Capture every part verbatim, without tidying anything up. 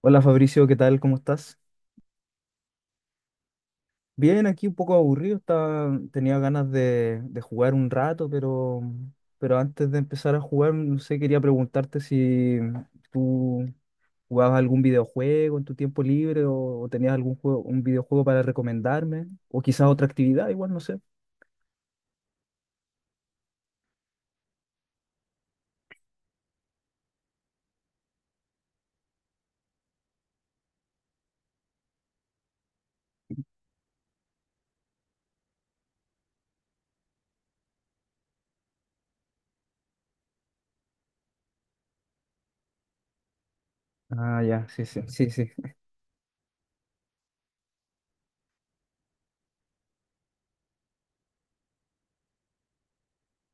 Hola Fabricio, ¿qué tal? ¿Cómo estás? Bien, aquí un poco aburrido, estaba, tenía ganas de, de jugar un rato, pero, pero antes de empezar a jugar, no sé, quería preguntarte si tú jugabas algún videojuego en tu tiempo libre o, o tenías algún juego, un videojuego para recomendarme, o quizás otra actividad, igual, no sé. Ah, ya, sí, sí, sí, sí.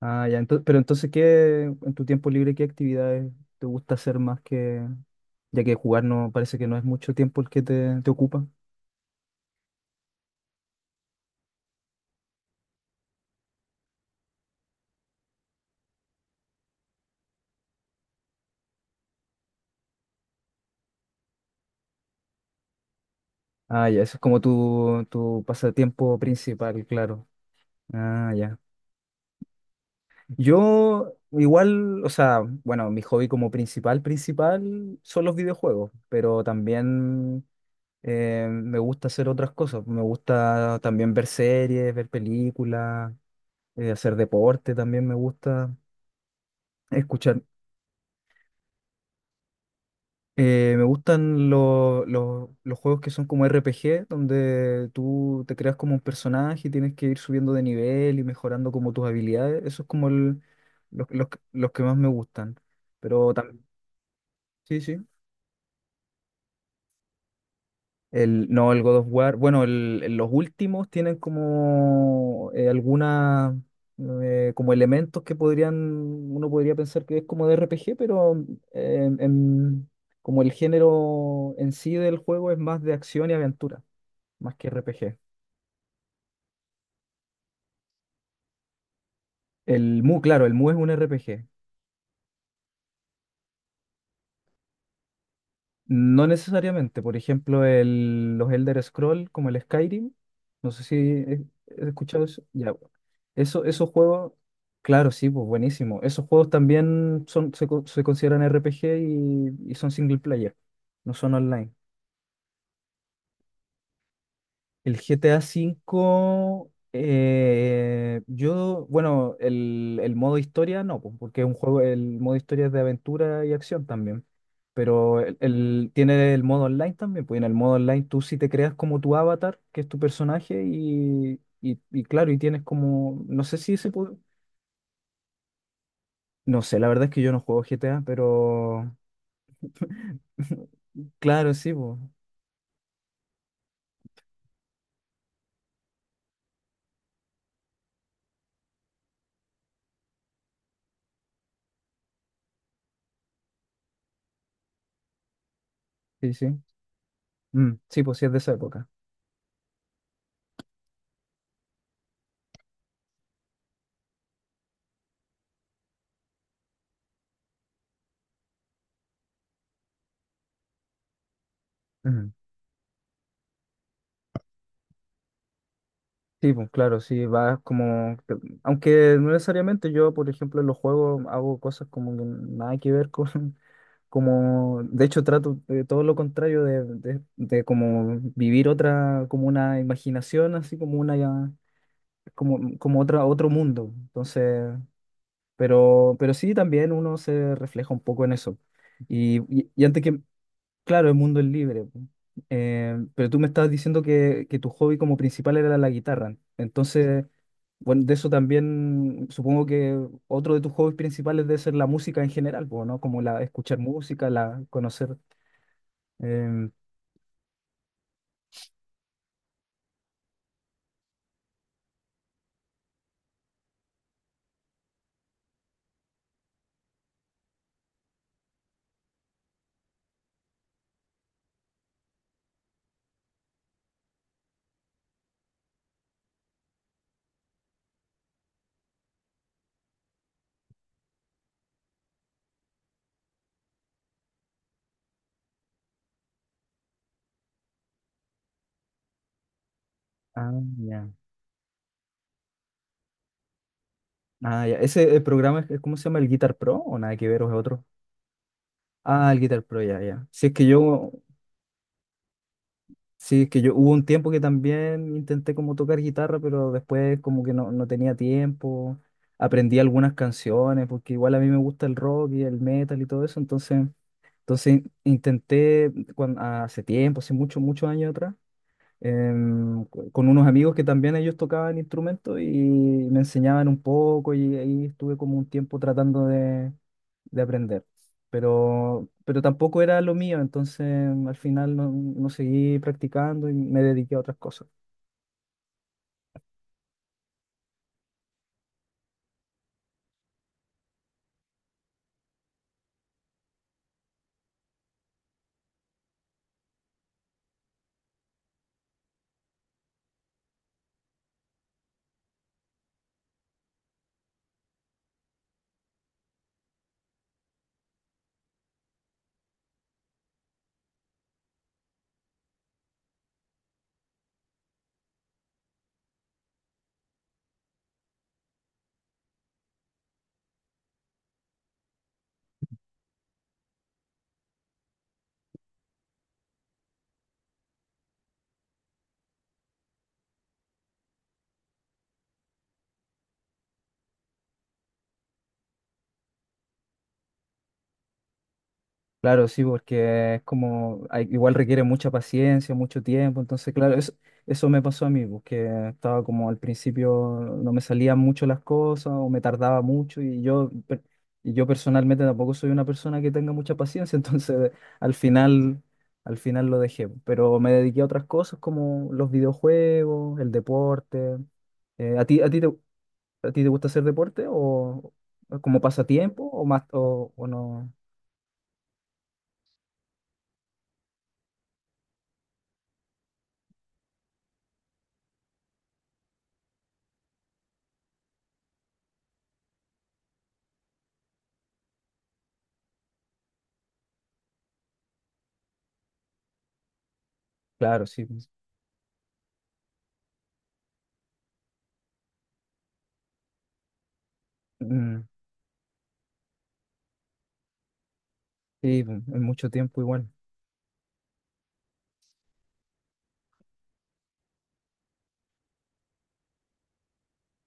Ah, ya, entonces, pero entonces, ¿qué, en tu tiempo libre, qué actividades te gusta hacer más que, ya que jugar no, parece que no es mucho tiempo el que te te ocupa? Ah, ya, eso es como tu, tu pasatiempo principal, claro. Ah, ya. Yo igual, o sea, bueno, mi hobby como principal, principal son los videojuegos, pero también eh, me gusta hacer otras cosas. Me gusta también ver series, ver películas, eh, hacer deporte también me gusta, escuchar. Eh, me gustan lo- lo- los juegos que son como R P G, donde tú te creas como un personaje y tienes que ir subiendo de nivel y mejorando como tus habilidades. Eso es como el- los, los que los que más me gustan. Pero también, sí, sí. El, no, el God of War. Bueno, el- el- los últimos tienen como eh, algunas eh, como elementos que podrían, uno podría pensar que es como de R P G, pero eh, en- como el género en sí del juego es más de acción y aventura, más que R P G. El Mu, claro, el Mu es un R P G. No necesariamente, por ejemplo, el, los Elder Scroll como el Skyrim, no sé si he, he escuchado eso. Ya, bueno, eso, esos juegos, claro, sí, pues buenísimo. Esos juegos también son, se, co- se consideran R P G y, y son single player, no son online. El G T A cinco, eh, yo, bueno, el, el modo historia no, po, porque es un juego, el modo historia es de aventura y acción también, pero el, el- tiene el modo online también, pues y en el modo online tú sí te creas como tu avatar, que es tu personaje, y, y, y claro, y tienes como, no sé si se puede, no sé, la verdad es que yo no juego G T A, pero claro, sí, pues, sí, sí. Mm, sí, pues sí es de esa época. Sí, pues claro, sí, va como... que- Aunque no necesariamente yo, por ejemplo, en los juegos hago cosas como que nada que ver con... Como, de hecho, trato de todo lo contrario de, de, de como vivir otra, como una imaginación, así como una, ya- como, como otra, otro mundo. Entonces, pero, pero sí, también uno se refleja un poco en eso. Y, y, y antes que, claro, el mundo es libre, po. Eh, pero tú me estabas diciendo que, que tu hobby como principal era la guitarra. Entonces, bueno, de eso también supongo que otro de tus hobbies principales debe ser la música en general, po, ¿no? Como la escuchar música, la conocer. em, ah, ya. Ah, ya. Ese eh, programa es, ¿cómo se llama? ¿El Guitar Pro o nada que ver o es otro? Ah, el Guitar Pro, ya, ya. Si es que yo. Sí, es que yo hubo un tiempo que también intenté como tocar guitarra, pero después como que no, no tenía tiempo. Aprendí algunas canciones, porque igual a mí me gusta el rock y el metal y todo eso. Entonces, entonces intenté cuan- hace tiempo, hace muchos, muchos años atrás em, co- con unos amigos que también ellos tocaban instrumentos y me enseñaban un poco y ahí estuve como un tiempo tratando de, de aprender. Pero, pero tampoco era lo mío, entonces em, al final no, no seguí practicando y me dediqué a otras cosas. Claro, sí, porque es como, hay- igual requiere mucha paciencia, mucho tiempo, entonces, claro, eso, eso me pasó a mí, porque estaba como al principio, no me salían mucho las cosas o me tardaba mucho y yo, per- y yo personalmente tampoco soy una persona que tenga mucha paciencia, entonces al final, al final lo dejé, pues, pero me dediqué a otras cosas como los videojuegos, el deporte. Eh, ¿a ti, a ti te, a ti te gusta hacer deporte o o como pasatiempo o más o, o no? Claro, sí, pues. Mm, sí, pues, en mucho tiempo igual.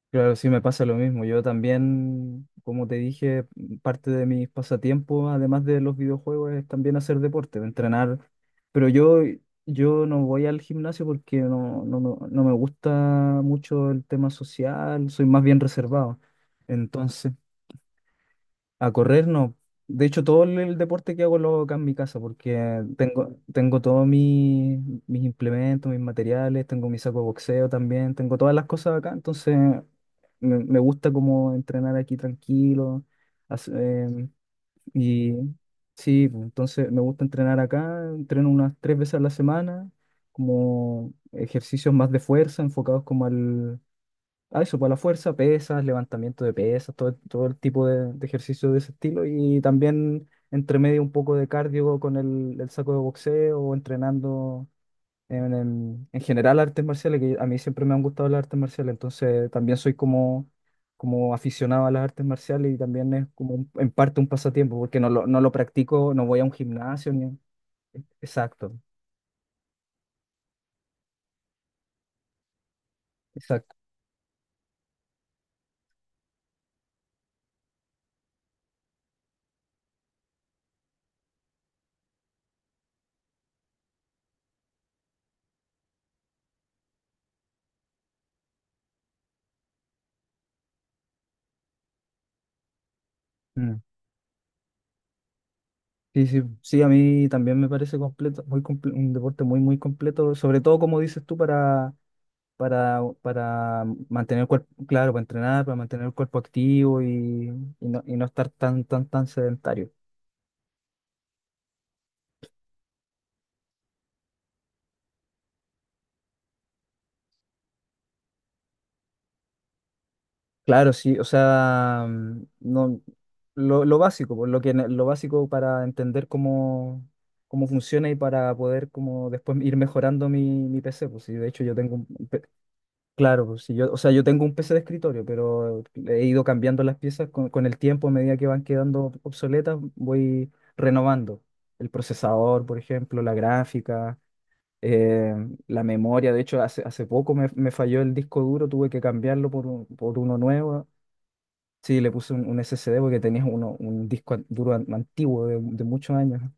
Claro, sí me pasa lo mismo. Yo también, como te dije, mm, parte de mis pasatiempos, además de los videojuegos, es también hacer deporte, entrenar. Pero yo, yo no voy al gimnasio porque no, no, me no me gusta mucho el tema social, soy más bien reservado. Entonces, a correr no. De hecho, todo el, el deporte que hago lo hago acá en mi casa porque tengo, tengo todos mis, mis implementos, mis materiales, tengo mi saco de boxeo también, tengo todas las cosas acá, entonces me, me gusta como entrenar aquí tranquilo. hace- em, y sí, pues, entonces me gusta entrenar acá, entreno unas tres veces a la semana, como ejercicios más de fuerza, enfocados como al, a eso, para la fuerza, pesas, levantamiento de pesas, todo, todo el tipo de, de ejercicio de ese estilo y también entre medio un poco de cardio con el, el saco de boxeo o entrenando en, en, en general artes marciales, que a mí siempre me han gustado las artes marciales, entonces también soy como, como aficionado a las artes marciales y también es como un- en parte un pasatiempo, porque no lo, no lo practico, no voy a un gimnasio, ni... Exacto, exacto. Mm. Sí, sí, sí, a mí también me parece completo, muy comple- un deporte muy, muy completo, sobre todo como dices tú, para, para, para mantener el cuerpo, claro, para entrenar, para mantener el cuerpo activo y, y no, y no estar tan, tan, tan sedentario. Claro, sí, o sea, mm, no, lo, lo básico, por lo que, ne- lo básico para entender cómo, cómo funciona y para poder como después ir mejorando mi, mi P C, pues sí, de hecho yo tengo, un. Claro, pues, si yo, o sea, yo tengo un P C de escritorio, pero he ido cambiando las piezas con, con el tiempo, a medida que van quedando obsoletas, voy renovando el procesador, por ejemplo, la gráfica, eh, la memoria. De hecho, hace, hace poco me, me falló el disco duro, tuve que cambiarlo por, un- por uno nuevo. Sí, le puse un, un S S D porque tenía uno, un disco an- duro an- antiguo de, de muchos años, ¿no?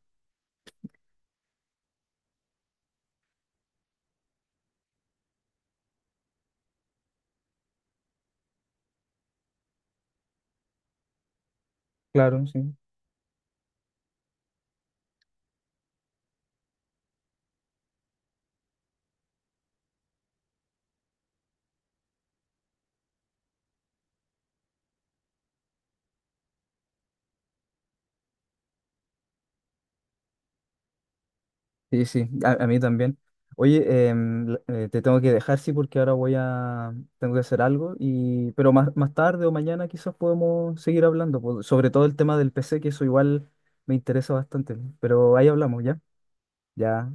Claro, sí. Sí, sí, a, a mí también. Oye, em, la- eh, te tengo que dejar, sí, porque ahora voy a, tengo que hacer algo, y, pero más, más tarde o mañana quizás podemos seguir hablando, po- sobre todo el tema del P C, que eso igual me interesa bastante, pero ahí hablamos, ¿ya? Ya,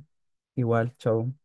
igual, chao.